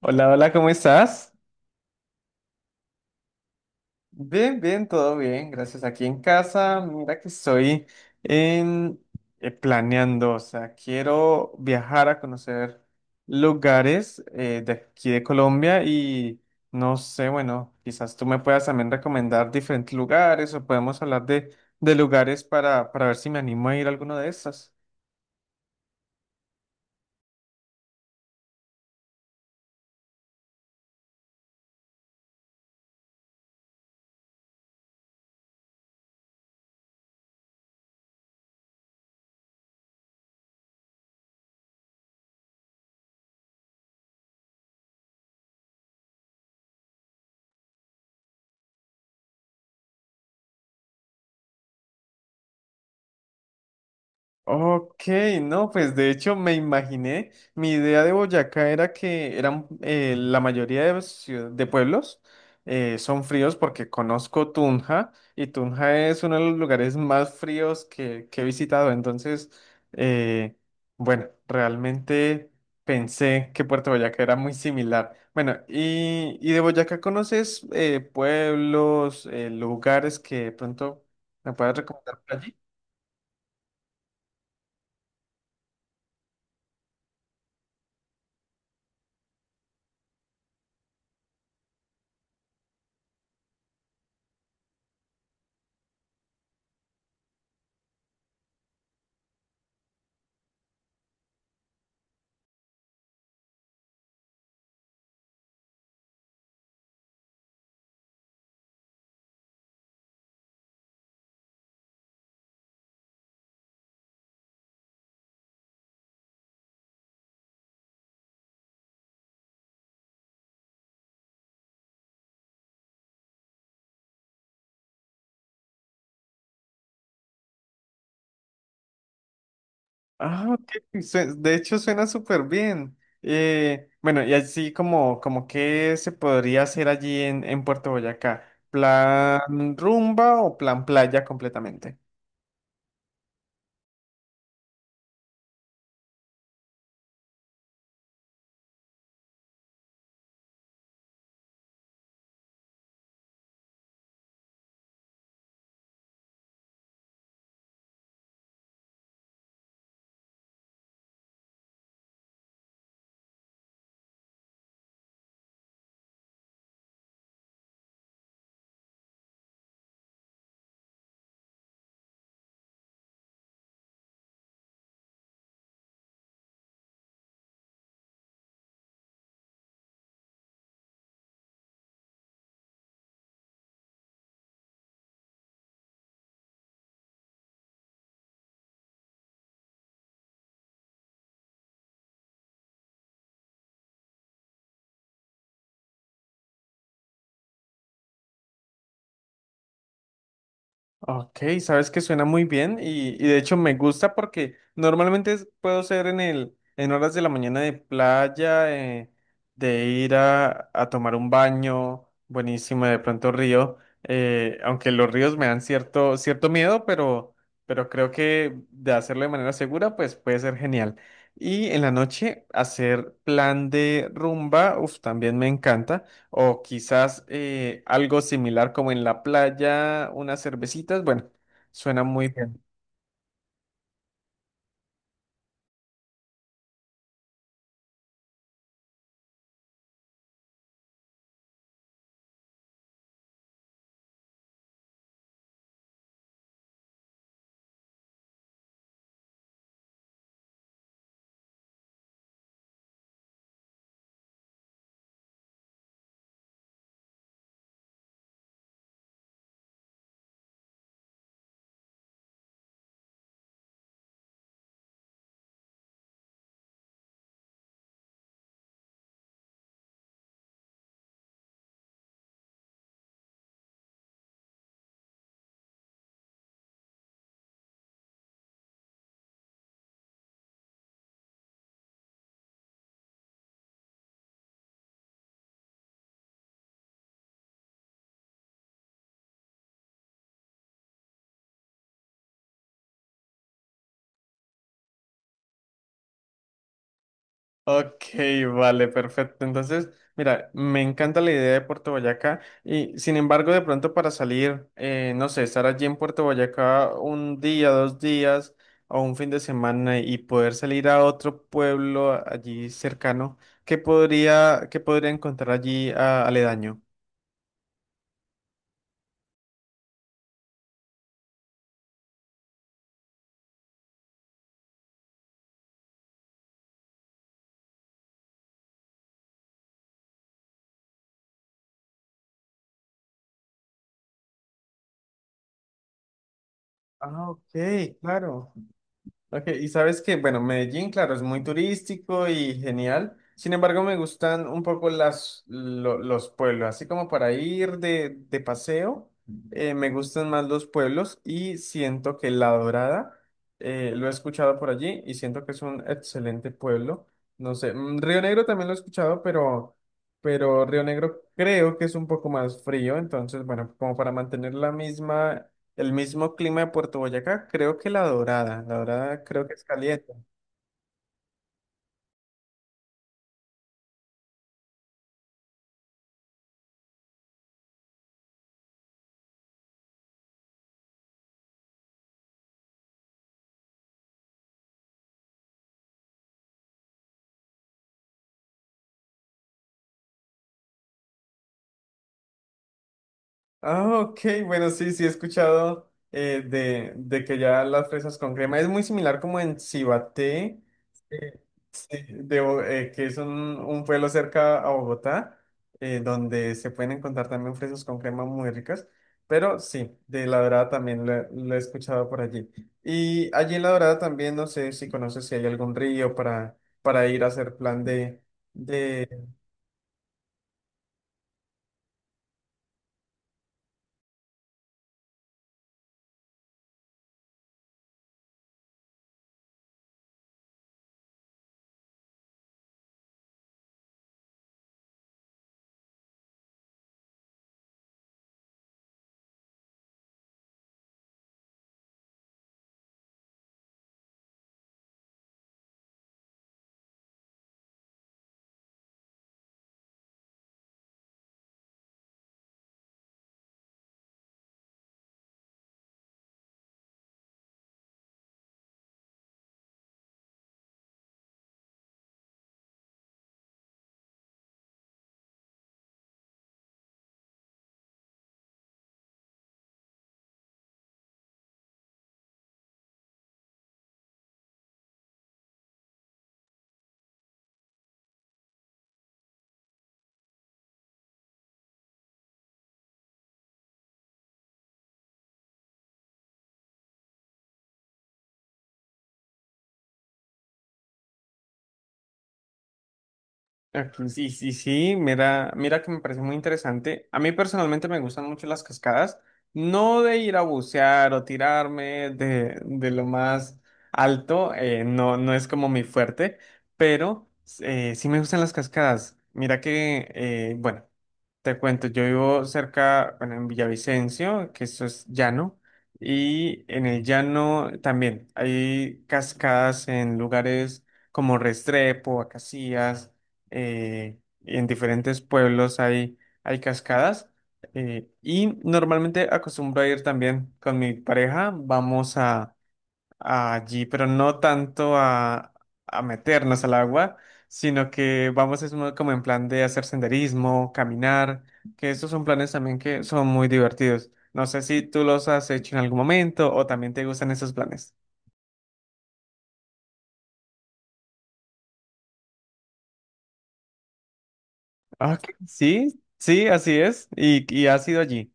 Hola, hola, ¿cómo estás? Bien, bien, todo bien, gracias. Aquí en casa, mira que estoy en, planeando, o sea, quiero viajar a conocer lugares de aquí de Colombia y no sé, bueno, quizás tú me puedas también recomendar diferentes lugares o podemos hablar de lugares para ver si me animo a ir a alguno de estos. Ok, no, pues de hecho me imaginé, mi idea de Boyacá era que eran la mayoría de pueblos son fríos porque conozco Tunja y Tunja es uno de los lugares más fríos que he visitado, entonces, eh, bueno, realmente pensé que Puerto Boyacá era muy similar. Bueno, y de Boyacá conoces pueblos, lugares que de pronto me puedas recomendar por allí. Ah, ok, de hecho, suena súper bien. Bueno, y así como, como qué se podría hacer allí en Puerto Boyacá. ¿Plan rumba o plan playa completamente? Ok, sabes que suena muy bien y de hecho me gusta porque normalmente puedo ser en en horas de la mañana de playa, de ir a tomar un baño, buenísimo, de pronto río, aunque los ríos me dan cierto miedo, pero creo que de hacerlo de manera segura, pues puede ser genial. Y en la noche hacer plan de rumba, uff, también me encanta. O quizás algo similar como en la playa, unas cervecitas. Bueno, suena muy bien. Ok, vale, perfecto. Entonces, mira, me encanta la idea de Puerto Boyacá y sin embargo, de pronto para salir, no sé, estar allí en Puerto Boyacá un día, dos días o un fin de semana y poder salir a otro pueblo allí cercano, ¿qué podría encontrar allí aledaño? Ah, ok, claro. Ok, y sabes que, bueno, Medellín, claro, es muy turístico y genial. Sin embargo, me gustan un poco los pueblos, así como para ir de paseo, me gustan más los pueblos y siento que La Dorada, lo he escuchado por allí y siento que es un excelente pueblo. No sé, mm, Río Negro también lo he escuchado, pero Río Negro creo que es un poco más frío, entonces, bueno, como para mantener la misma el mismo clima de Puerto Boyacá, creo que La Dorada. La Dorada creo que es caliente. Ah, ok, bueno, sí, sí he escuchado de que ya las fresas con crema es muy similar como en Cibaté, eh, que es un pueblo cerca a Bogotá, donde se pueden encontrar también fresas con crema muy ricas. Pero sí, de La Dorada también lo he escuchado por allí. Y allí en La Dorada también, no sé si conoces si hay algún río para ir a hacer plan de aquí. Sí, sí, sí, mira, mira que me parece muy interesante. A mí personalmente me gustan mucho las cascadas, no de ir a bucear o tirarme de lo más alto, no, no es como mi fuerte, pero sí me gustan las cascadas. Mira que, bueno, te cuento, yo vivo cerca, bueno, en Villavicencio, que eso es llano, y en el llano también hay cascadas en lugares como Restrepo, Acacías, y en diferentes pueblos hay, hay cascadas, y normalmente acostumbro a ir también con mi pareja, vamos a, allí, pero no tanto a meternos al agua, sino que vamos como en plan de hacer senderismo, caminar, que esos son planes también que son muy divertidos. No sé si tú los has hecho en algún momento o también te gustan esos planes. Ah, ok, sí, sí, así es. Y has ido allí.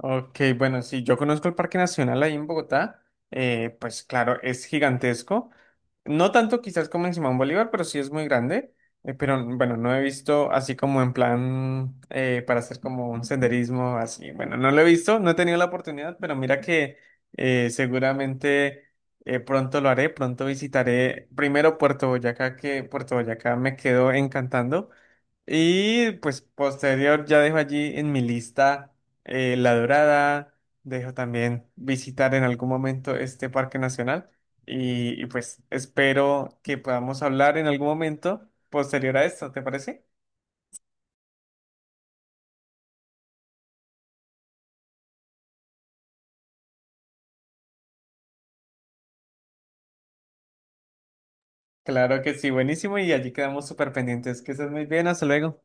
Ok, bueno, sí, yo conozco el Parque Nacional ahí en Bogotá, pues claro, es gigantesco, no tanto quizás como en Simón Bolívar, pero sí es muy grande, pero bueno, no he visto así como en plan para hacer como un senderismo así, bueno, no lo he visto, no he tenido la oportunidad, pero mira que seguramente pronto lo haré, pronto visitaré primero Puerto Boyacá, que Puerto Boyacá me quedó encantando. Y pues posterior ya dejo allí en mi lista La Dorada, dejo también visitar en algún momento este parque nacional y, pues espero que podamos hablar en algún momento posterior a esto, ¿te parece? Claro que sí, buenísimo y allí quedamos súper pendientes. Que estés muy bien, hasta luego.